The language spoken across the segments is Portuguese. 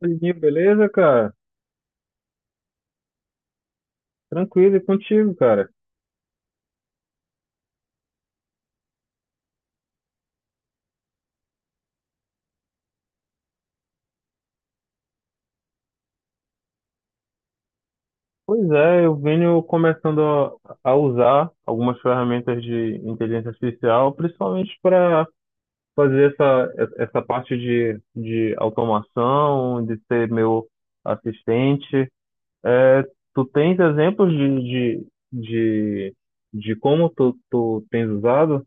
Oi, beleza, cara? Tranquilo e contigo, cara. Pois é, eu venho começando a usar algumas ferramentas de inteligência artificial, principalmente para fazer essa parte de automação, de ser meu assistente. É, tu tens exemplos de, de como tu tens usado?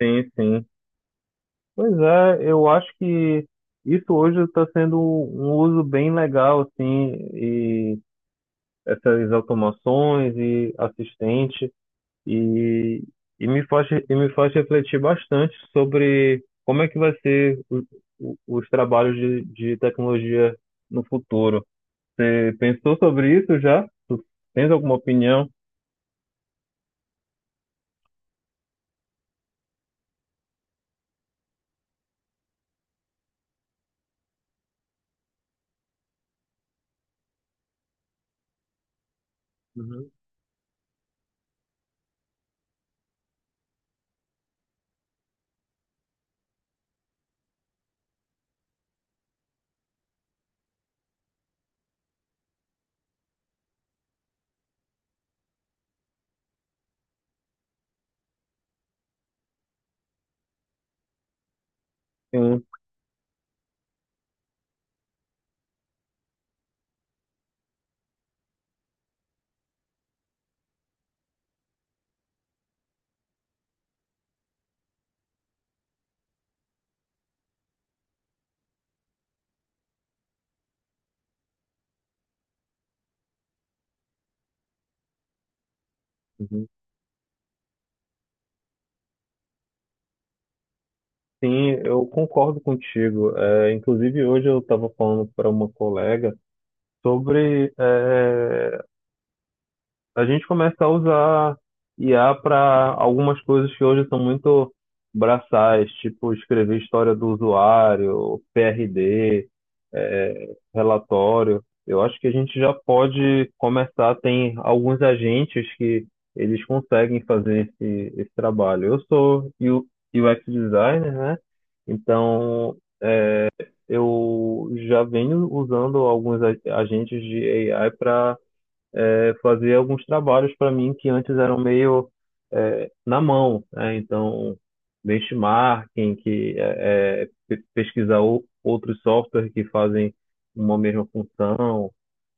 Sim, sim. Pois é, eu acho que isso hoje está sendo um uso bem legal, assim, essas automações e assistente e, e me faz refletir bastante sobre como é que vai ser os trabalhos de tecnologia no futuro. Você pensou sobre isso já? Tu tens alguma opinião? Uhum. Sim, uhum. Sim, eu concordo contigo. É, inclusive, hoje eu estava falando para uma colega sobre a gente começa a usar IA para algumas coisas que hoje são muito braçais, tipo escrever história do usuário, PRD, relatório. Eu acho que a gente já pode começar, tem alguns agentes que eles conseguem fazer esse trabalho. Eu sou UX designer, né? Então eu já venho usando alguns agentes de AI para fazer alguns trabalhos para mim que antes eram meio na mão, né? Então, benchmarking, que pesquisar outros softwares que fazem uma mesma função,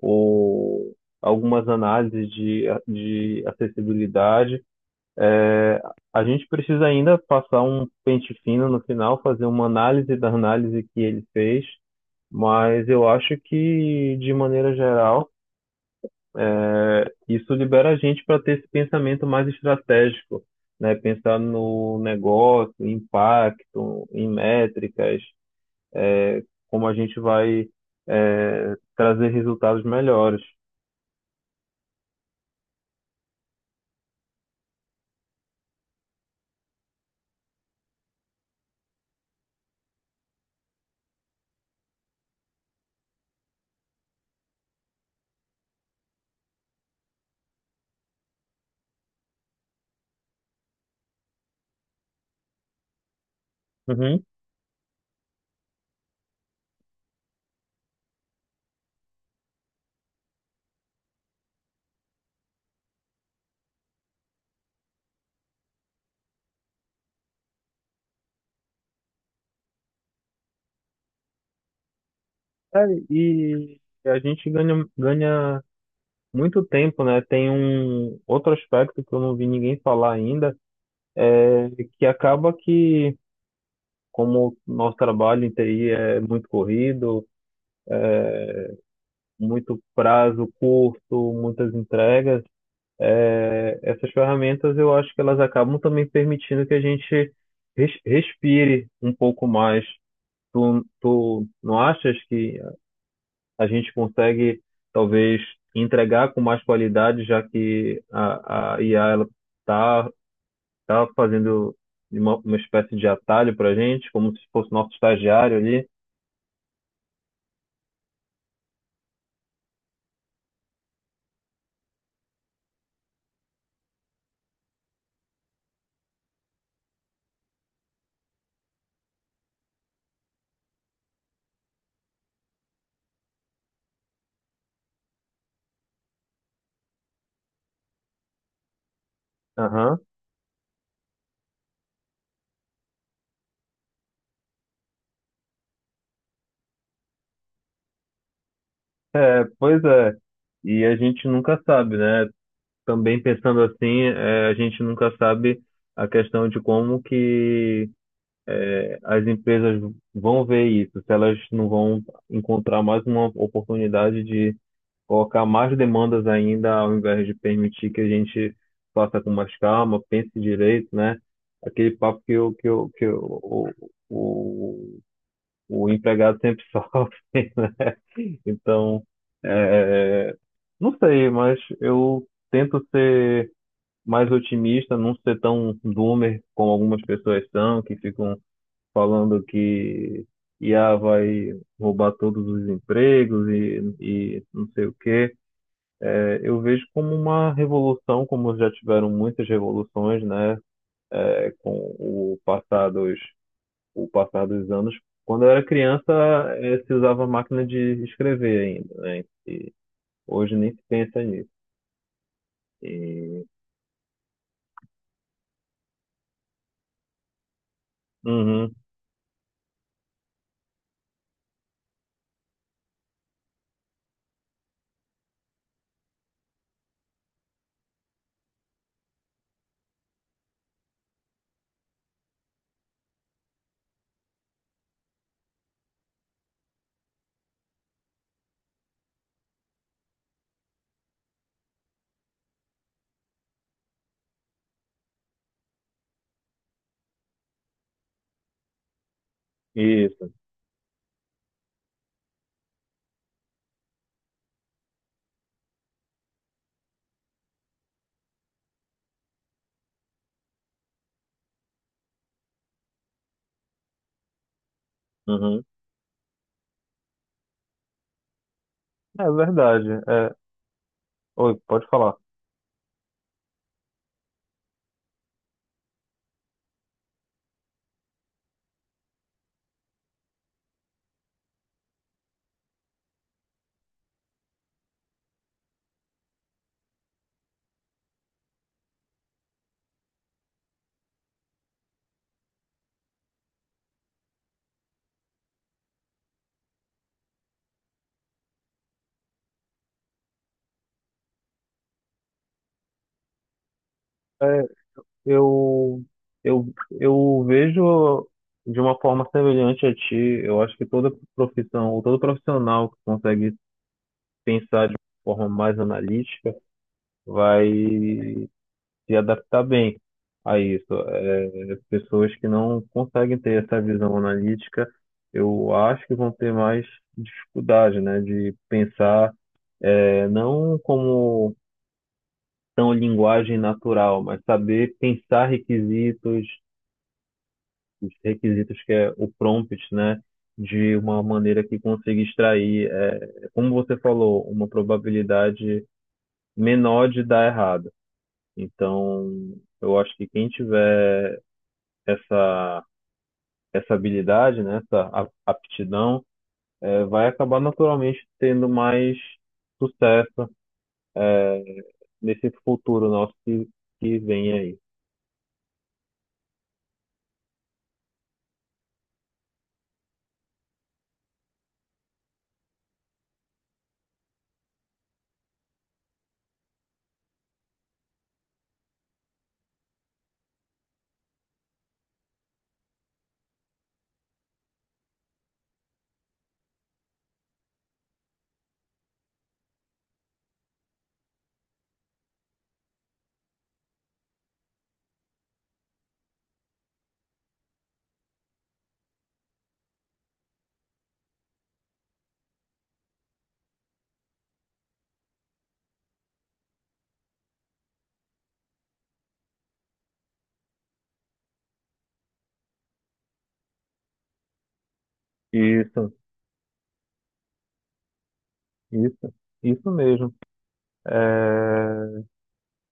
ou algumas análises de acessibilidade. É, A gente precisa ainda passar um pente fino no final, fazer uma análise da análise que ele fez, mas eu acho que, de maneira geral, isso libera a gente para ter esse pensamento mais estratégico, né? Pensar no negócio, em impacto, em métricas, como a gente vai, trazer resultados melhores. Uhum. É, e a gente ganha, ganha muito tempo, né? Tem um outro aspecto que eu não vi ninguém falar ainda, é que acaba que, como o nosso trabalho em TI é muito corrido, muito prazo curto, muitas entregas, essas ferramentas eu acho que elas acabam também permitindo que a gente respire um pouco mais. Tu não achas que a gente consegue talvez entregar com mais qualidade, já que a IA ela tá, tá fazendo uma espécie de atalho para a gente, como se fosse nosso estagiário ali? Aham. Pois é. E a gente nunca sabe, né? Também pensando assim, a gente nunca sabe a questão de como que as empresas vão ver isso, se elas não vão encontrar mais uma oportunidade de colocar mais demandas ainda, ao invés de permitir que a gente faça com mais calma, pense direito, né? Aquele papo que, o que o, o o empregado sempre sofre, né? Então, eh, não sei, mas eu tento ser mais otimista, não ser tão doomer como algumas pessoas são, que ficam falando que IA vai roubar todos os empregos e não sei o quê. É, eu vejo como uma revolução, como já tiveram muitas revoluções, né, com o passar o passar dos anos. Quando eu era criança, se usava máquina de escrever ainda, né? E hoje nem se pensa nisso. E... Uhum. Isso. Uhum. É verdade. Oi, pode falar. É, eu, eu, eu vejo de uma forma semelhante a ti. Eu acho que toda profissão, ou todo profissional que consegue pensar de uma forma mais analítica vai se adaptar bem a isso. É, pessoas que não conseguem ter essa visão analítica, eu acho que vão ter mais dificuldade, né, de pensar, não como tão linguagem natural, mas saber pensar requisitos os requisitos que é o prompt, né? De uma maneira que consiga extrair, como você falou, uma probabilidade menor de dar errado. Então, eu acho que quem tiver essa, essa habilidade, né, essa aptidão, vai acabar naturalmente tendo mais sucesso, é, nesse futuro nosso que vem aí. Isso, isso, isso mesmo. É,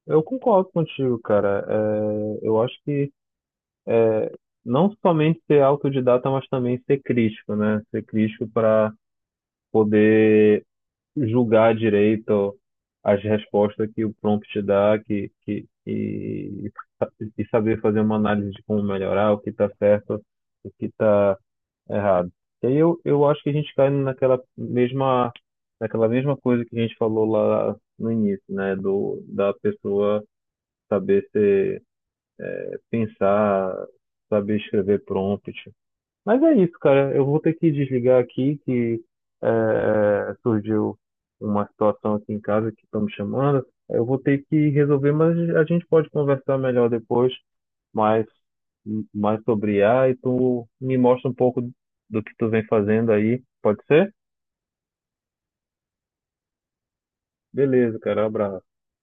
eu concordo contigo, cara. Eu acho que é, não somente ser autodidata, mas também ser crítico, né? Ser crítico para poder julgar direito as respostas que o prompt te dá, e saber fazer uma análise de como melhorar, o que está certo, o que está errado. E aí eu acho que a gente cai naquela mesma coisa que a gente falou lá no início, né? Da pessoa saber ser pensar, saber escrever prompt. Mas é isso, cara. Eu vou ter que desligar aqui, que é, surgiu uma situação aqui em casa que estão me chamando. Eu vou ter que resolver, mas a gente pode conversar melhor depois, mais, mais sobre IA e tu me mostra um pouco do que tu vem fazendo aí. Pode ser? Beleza, cara. Abraço.